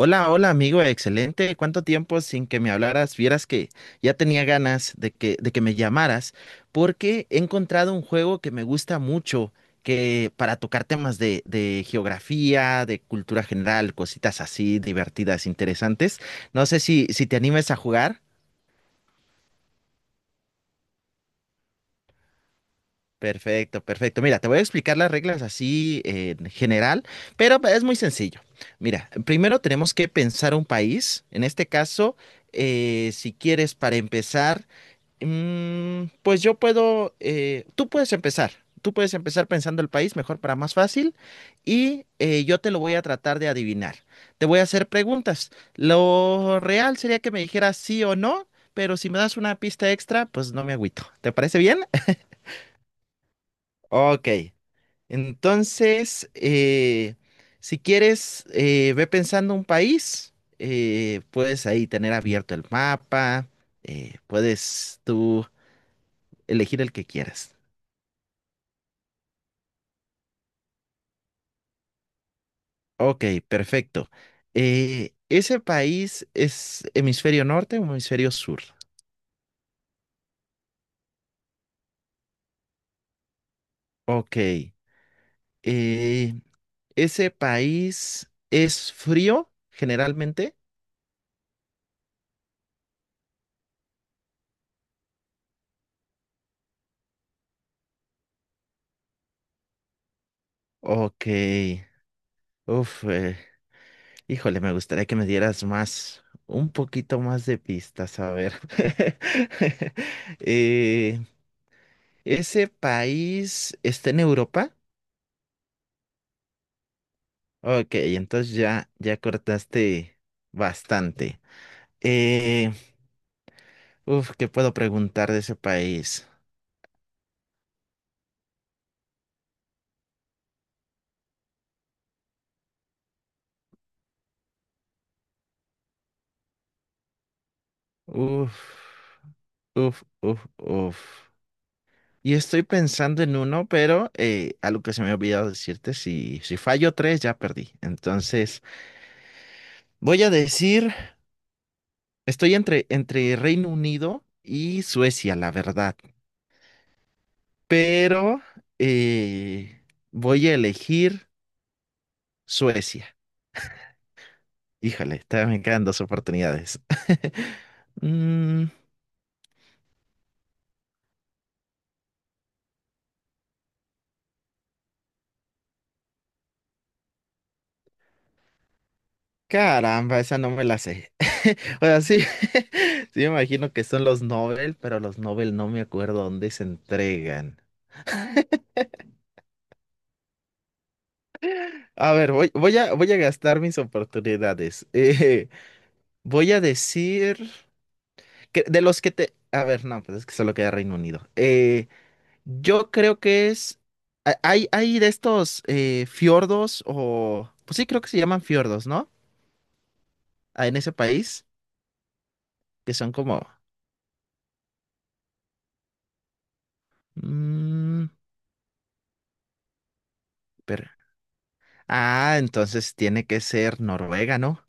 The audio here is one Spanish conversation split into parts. Hola, hola amigo, excelente. ¿Cuánto tiempo sin que me hablaras? Vieras que ya tenía ganas de que me llamaras porque he encontrado un juego que me gusta mucho que para tocar temas de geografía, de cultura general, cositas así divertidas, interesantes. No sé si te animes a jugar. Perfecto, perfecto. Mira, te voy a explicar las reglas así en general, pero es muy sencillo. Mira, primero tenemos que pensar un país. En este caso, si quieres para empezar, pues yo puedo, tú puedes empezar. Tú puedes empezar pensando el país mejor para más fácil y yo te lo voy a tratar de adivinar. Te voy a hacer preguntas. Lo real sería que me dijeras sí o no, pero si me das una pista extra, pues no me agüito. ¿Te parece bien? Ok, entonces, si quieres, ve pensando un país, puedes ahí tener abierto el mapa, puedes tú elegir el que quieras. Ok, perfecto. ¿Ese país es hemisferio norte o hemisferio sur? Ok. eh, ¿Ese país es frío generalmente? Ok. Uf, híjole, me gustaría que me dieras más, un poquito más de pistas, a ver. Eh, ¿ese país está en Europa? Ok, entonces ya, ya cortaste bastante. Eh, uf, ¿qué puedo preguntar de ese país? Uf, uf, uf, uf. Y estoy pensando en uno, pero algo que se me ha olvidado decirte, si, si fallo tres, ya perdí. Entonces, voy a decir... Estoy entre Reino Unido y Suecia, la verdad. Pero eh, voy a elegir Suecia. Híjole, todavía me quedan dos oportunidades. Mm, caramba, esa no me la sé. O sea, sí, sí me imagino que son los Nobel, pero los Nobel no me acuerdo dónde se entregan. A ver, voy a gastar mis oportunidades. Voy a decir. Que- de los que te... A ver, no, pues es que solo queda Reino Unido. Yo creo que es... ha- Hay de estos fiordos o... Pues sí, creo que se llaman fiordos, ¿no? Ah, en ese país, que son como... mm, pero... Ah, entonces tiene que ser Noruega, ¿no?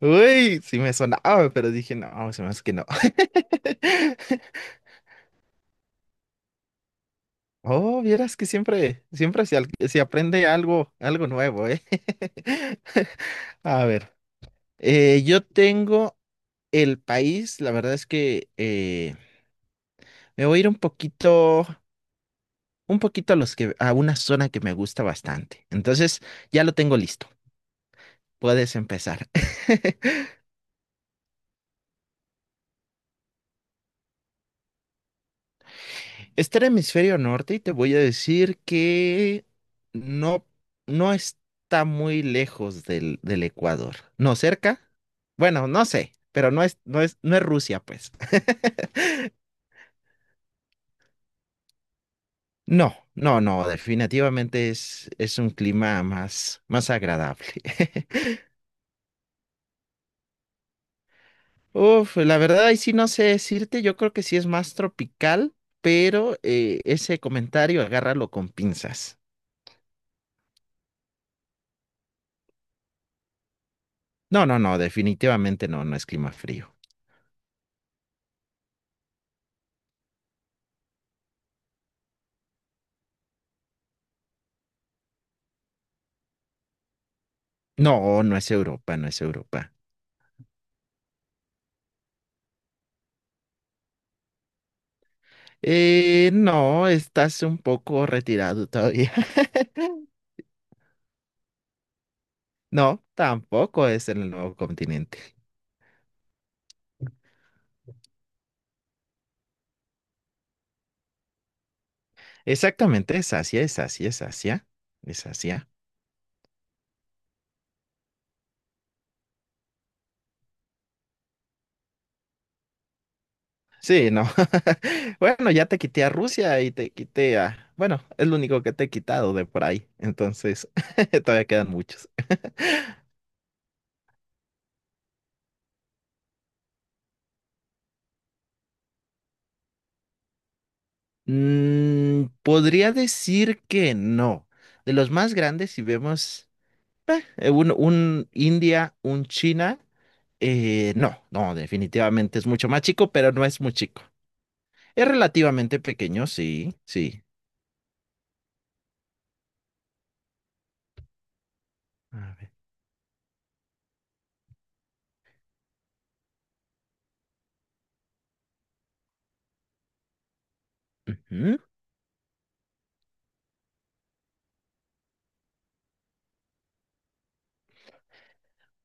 Uy, sí me sonaba, pero dije, no, se me hace que no. Oh, vieras que siempre, siempre se, al- se aprende algo, algo nuevo, ¿eh? A ver, yo tengo el país, la verdad es que me voy a ir un poquito a los que, a una zona que me gusta bastante. Entonces, ya lo tengo listo. Puedes empezar. Está el hemisferio norte y te voy a decir que no, no está muy lejos del Ecuador. No cerca. Bueno, no sé, pero no es Rusia, pues. No, no, no, definitivamente es un clima más, más agradable. Uf, la verdad ahí sí no sé decirte, yo creo que sí es más tropical, pero ese comentario agárralo con pinzas. No, no, no, definitivamente no, no es clima frío. No, no es Europa, no es Europa. No, estás un poco retirado todavía. No, tampoco es en el nuevo continente. Exactamente, es Asia, es Asia, es Asia, es Asia. Sí, no. Bueno, ya te quité a Rusia y te quité a... Bueno, es lo único que te he quitado de por ahí. Entonces, todavía quedan muchos. Mm, podría decir que no. De los más grandes, si vemos un India, un China, no, no, definitivamente es mucho más chico, pero no es muy chico. Es relativamente pequeño, sí, sí. A ver.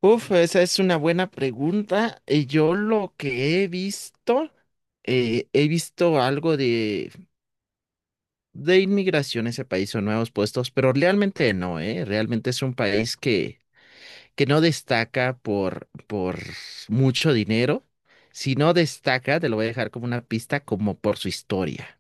Uf, esa es una buena pregunta. Yo lo que he visto algo de inmigración a ese país o nuevos puestos, pero realmente no, ¿eh? Realmente es un país que no destaca por mucho dinero. Si no destaca, te lo voy a dejar como una pista, como por su historia.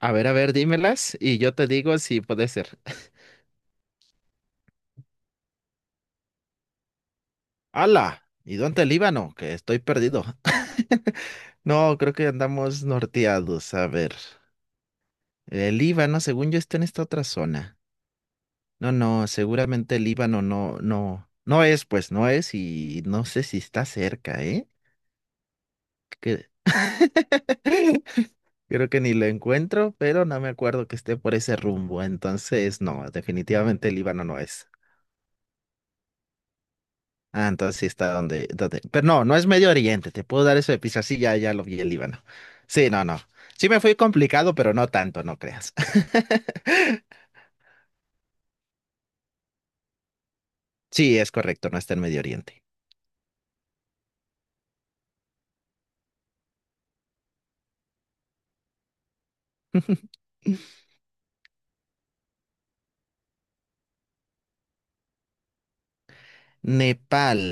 A ver, dímelas y yo te digo si puede ser. ¡Hala! ¿Y dónde el Líbano? Que estoy perdido. No, creo que andamos norteados. A ver. El Líbano, según yo, está en esta otra zona. No, no, seguramente el Líbano no, no, no es, pues no es, y no sé si está cerca, ¿eh? Que- creo que ni lo encuentro, pero no me acuerdo que esté por ese rumbo. Entonces, no, definitivamente el Líbano no es. Ah, entonces sí está donde, donde. Pero no, no es Medio Oriente. Te puedo dar eso de pizza. Sí, ya, ya lo vi el Líbano. Sí, no, no. Sí me fui complicado, pero no tanto, no creas. Sí, es correcto, no está en Medio Oriente. Nepal.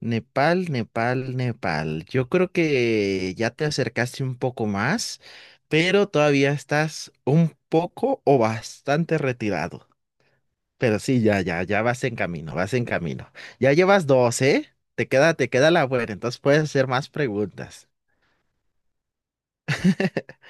Nepal, Nepal, Nepal. Yo creo que ya te acercaste un poco más, pero todavía estás un poco o bastante retirado. Pero sí, ya, ya, ya vas en camino, vas en camino. Ya llevas dos, ¿eh? Te queda la buena, entonces puedes hacer más preguntas.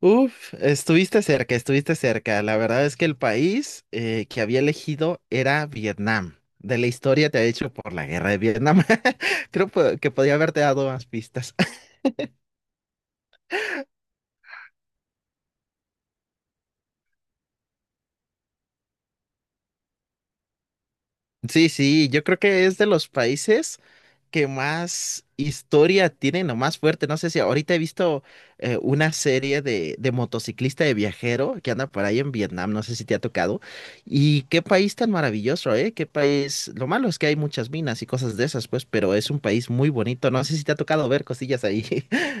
Uf, estuviste cerca, estuviste cerca. La verdad es que el país que había elegido era Vietnam. De la historia te ha hecho por la guerra de Vietnam. Creo po- que podía haberte dado más pistas. Sí, sí, yo creo que es de los países que más historia tienen o más fuerte. No sé si ahorita he visto una serie de motociclista de viajero que anda por ahí en Vietnam, no sé si te ha tocado. Y qué país tan maravilloso, ¿eh? Qué país. Lo malo es que hay muchas minas y cosas de esas, pues, pero es un país muy bonito. No sé si te ha tocado ver cosillas ahí.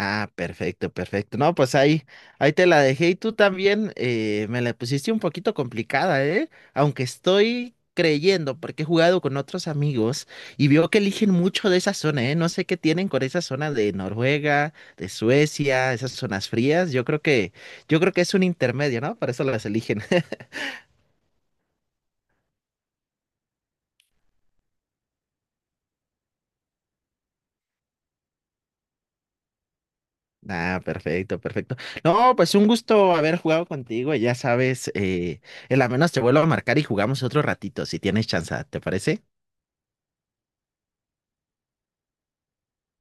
Ah, perfecto, perfecto. No, pues ahí, ahí te la dejé y tú también me la pusiste un poquito complicada, ¿eh? Aunque estoy creyendo, porque he jugado con otros amigos y veo que eligen mucho de esa zona, ¿eh? No sé qué tienen con esa zona de Noruega, de Suecia, esas zonas frías. Yo creo que es un intermedio, ¿no? Por eso las eligen. Ah, perfecto, perfecto. No, pues un gusto haber jugado contigo. Ya sabes, en la menos te vuelvo a marcar y jugamos otro ratito, si tienes chance, ¿te parece?